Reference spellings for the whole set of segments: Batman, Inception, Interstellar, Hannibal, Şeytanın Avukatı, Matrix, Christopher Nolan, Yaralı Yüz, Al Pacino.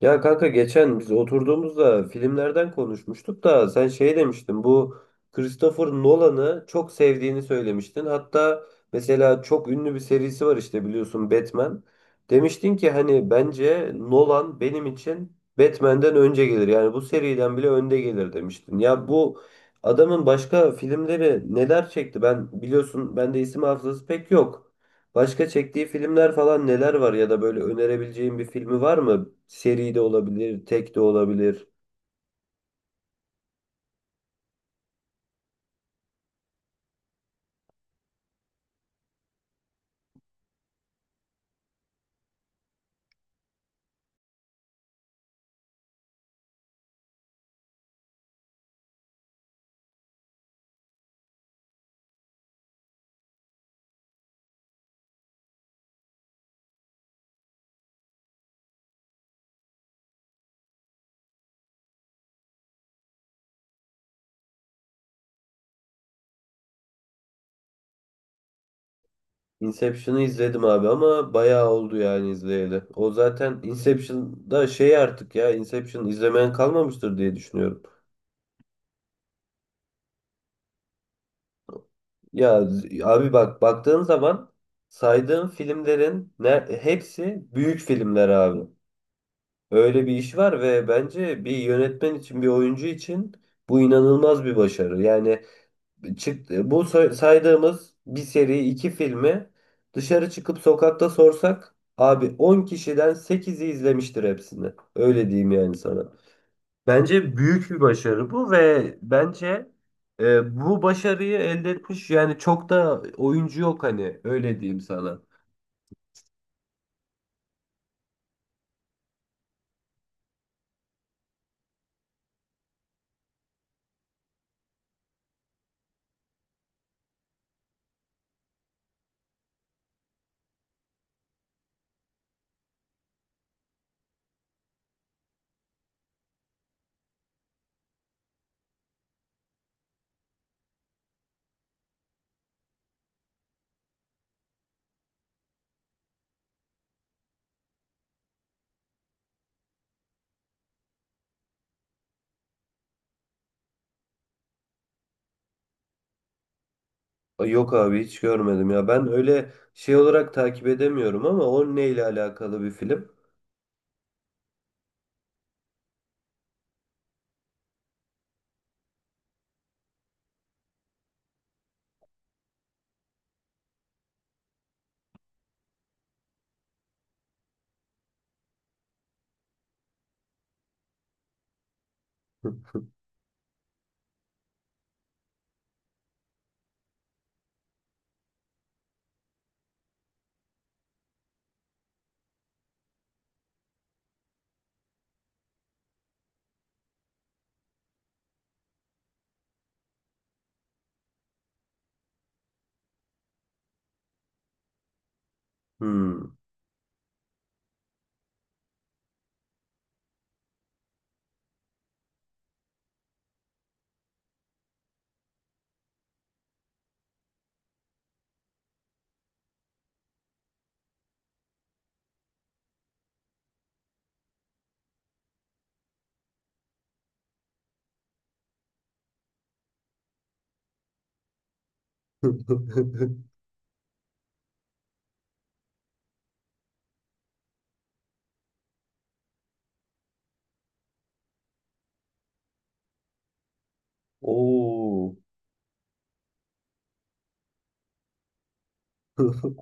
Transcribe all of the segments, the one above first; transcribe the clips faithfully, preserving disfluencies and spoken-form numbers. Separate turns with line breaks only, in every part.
Ya kanka geçen biz oturduğumuzda filmlerden konuşmuştuk da sen şey demiştin bu Christopher Nolan'ı çok sevdiğini söylemiştin. Hatta mesela çok ünlü bir serisi var işte biliyorsun Batman. Demiştin ki hani bence Nolan benim için Batman'den önce gelir. Yani bu seriden bile önde gelir demiştin. Ya bu adamın başka filmleri neler çekti? Ben biliyorsun bende isim hafızası pek yok. Başka çektiği filmler falan neler var ya da böyle önerebileceğin bir filmi var mı? Seri de olabilir, tek de olabilir. Inception'ı izledim abi ama bayağı oldu yani izleyeli. O zaten Inception'da şey artık ya Inception izlemeyen kalmamıştır diye düşünüyorum. Ya z- abi bak baktığın zaman saydığım filmlerin ne, hepsi büyük filmler abi. Öyle bir iş var ve bence bir yönetmen için bir oyuncu için bu inanılmaz bir başarı. Yani çıktı. Bu say- saydığımız bir seri iki filmi dışarı çıkıp sokakta sorsak abi on kişiden sekizi izlemiştir hepsini. Öyle diyeyim yani sana. Bence büyük bir başarı bu ve bence e, bu başarıyı elde etmiş yani çok da oyuncu yok hani öyle diyeyim sana. Ay, yok abi hiç görmedim ya. Ben öyle şey olarak takip edemiyorum ama o neyle alakalı bir film? Hmm. Oo.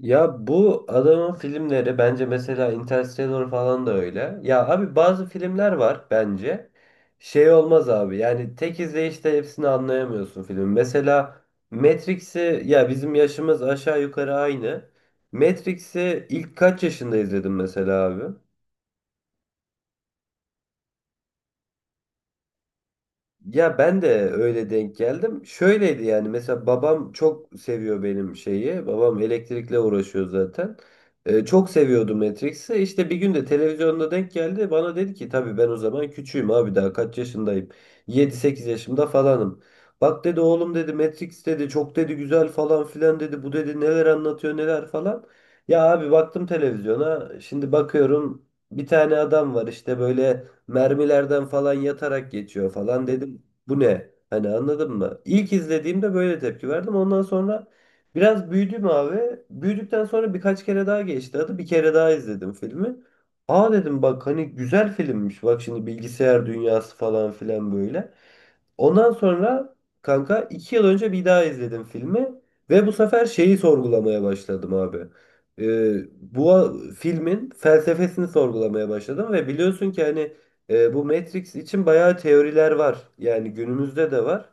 Ya bu adamın filmleri bence mesela Interstellar falan da öyle. Ya abi bazı filmler var bence. Şey olmaz abi yani tek izleyişte hepsini anlayamıyorsun filmin. Mesela Matrix'i ya bizim yaşımız aşağı yukarı aynı. Matrix'i ilk kaç yaşında izledim mesela abi? Ya ben de öyle denk geldim. Şöyleydi yani mesela babam çok seviyor benim şeyi. Babam elektrikle uğraşıyor zaten. Ee, çok seviyordu Matrix'i. İşte bir gün de televizyonda denk geldi. Bana dedi ki tabii ben o zaman küçüğüm abi daha kaç yaşındayım. Yedi sekiz yaşımda falanım. Bak dedi oğlum dedi Matrix dedi çok dedi güzel falan filan dedi. Bu dedi neler anlatıyor neler falan. Ya abi baktım televizyona. Şimdi bakıyorum bir tane adam var işte böyle mermilerden falan yatarak geçiyor falan dedim. Bu ne? Hani anladın mı? İlk izlediğimde böyle tepki verdim. Ondan sonra biraz büyüdüm abi. Büyüdükten sonra birkaç kere daha geçti adı. Bir kere daha izledim filmi. Aa dedim bak hani güzel filmmiş. Bak şimdi bilgisayar dünyası falan filan böyle. Ondan sonra kanka iki yıl önce bir daha izledim filmi ve bu sefer şeyi sorgulamaya başladım abi. Ee, bu a- filmin felsefesini sorgulamaya başladım ve biliyorsun ki hani e, bu Matrix için bayağı teoriler var. Yani günümüzde de var.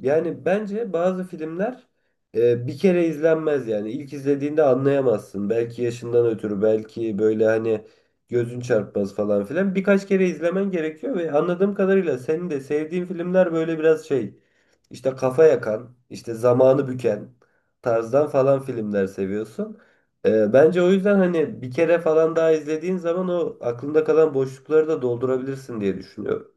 Yani bence bazı filmler e, bir kere izlenmez yani. İlk izlediğinde anlayamazsın. Belki yaşından ötürü, belki böyle hani gözün çarpmaz falan filan. Birkaç kere izlemen gerekiyor ve anladığım kadarıyla senin de sevdiğin filmler böyle biraz şey işte kafa yakan, işte zamanı büken tarzdan falan filmler seviyorsun. Ee, bence o yüzden hani bir kere falan daha izlediğin zaman o aklında kalan boşlukları da doldurabilirsin diye düşünüyorum.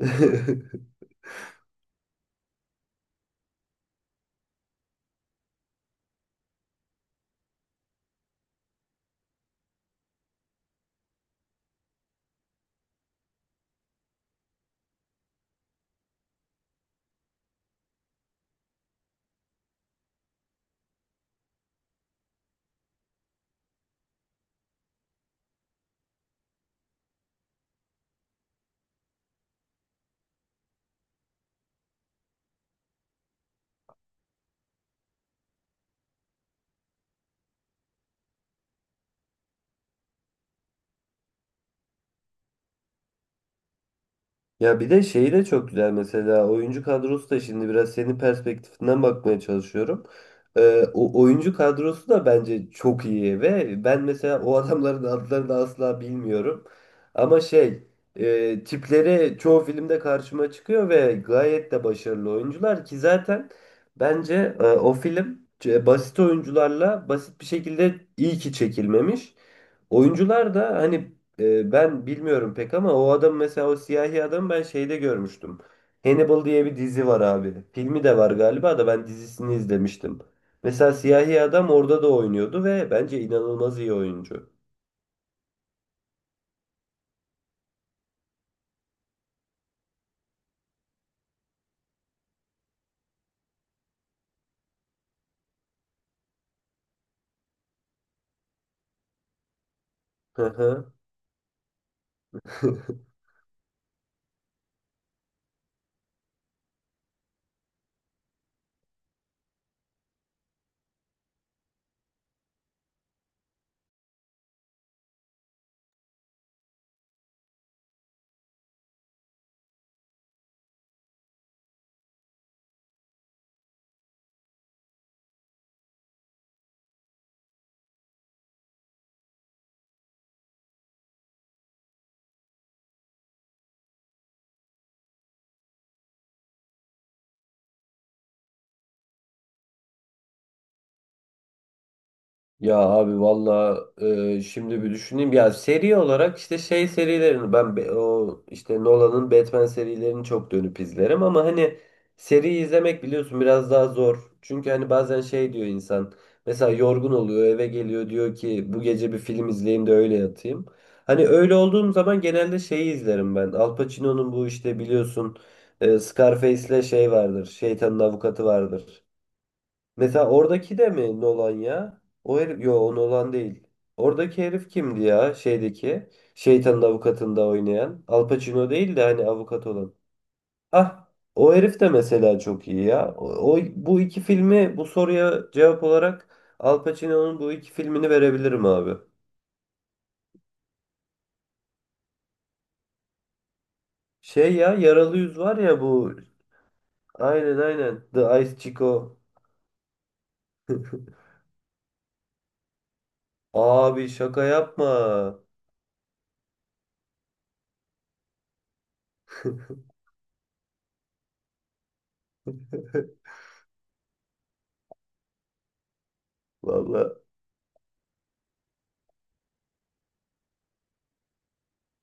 Ya bir de şeyi de çok güzel mesela oyuncu kadrosu da şimdi biraz senin perspektifinden bakmaya çalışıyorum. Ee, o oyuncu kadrosu da bence çok iyi ve ben mesela o adamların adlarını asla bilmiyorum. Ama şey e, tipleri çoğu filmde karşıma çıkıyor ve gayet de başarılı oyuncular ki zaten bence e, o film e, basit oyuncularla basit bir şekilde iyi ki çekilmemiş. Oyuncular da hani ee, ben bilmiyorum pek ama o adam mesela o siyahi adam ben şeyde görmüştüm. Hannibal diye bir dizi var abi. Filmi de var galiba da ben dizisini izlemiştim. Mesela siyahi adam orada da oynuyordu ve bence inanılmaz iyi oyuncu. Hı hı. Ya abi valla e, şimdi bir düşüneyim. Ya seri olarak işte şey serilerini ben be- o işte Nolan'ın Batman serilerini çok dönüp izlerim ama hani seri izlemek biliyorsun biraz daha zor. Çünkü hani bazen şey diyor insan mesela yorgun oluyor eve geliyor diyor ki bu gece bir film izleyeyim de öyle yatayım. Hani öyle olduğum zaman genelde şeyi izlerim ben. Al Pacino'nun bu işte biliyorsun e, Scarface'le şey vardır. Şeytanın Avukatı vardır. Mesela oradaki de mi Nolan ya? O herif, yo o Nolan değil. Oradaki herif kimdi ya şeydeki? Şeytanın Avukatı'nda oynayan. Al Pacino değil de hani avukat olan. Ah, o herif de mesela çok iyi ya. O, o- bu iki filmi bu soruya cevap olarak Al Pacino'nun bu iki filmini verebilirim abi. Şey ya Yaralı Yüz var ya bu. Aynen aynen. The Ice Chico. Abi şaka yapma. Vallahi.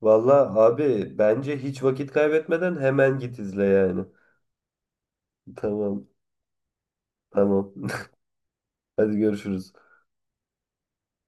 Valla abi bence hiç vakit kaybetmeden hemen git izle yani. Tamam tamam. Hadi görüşürüz.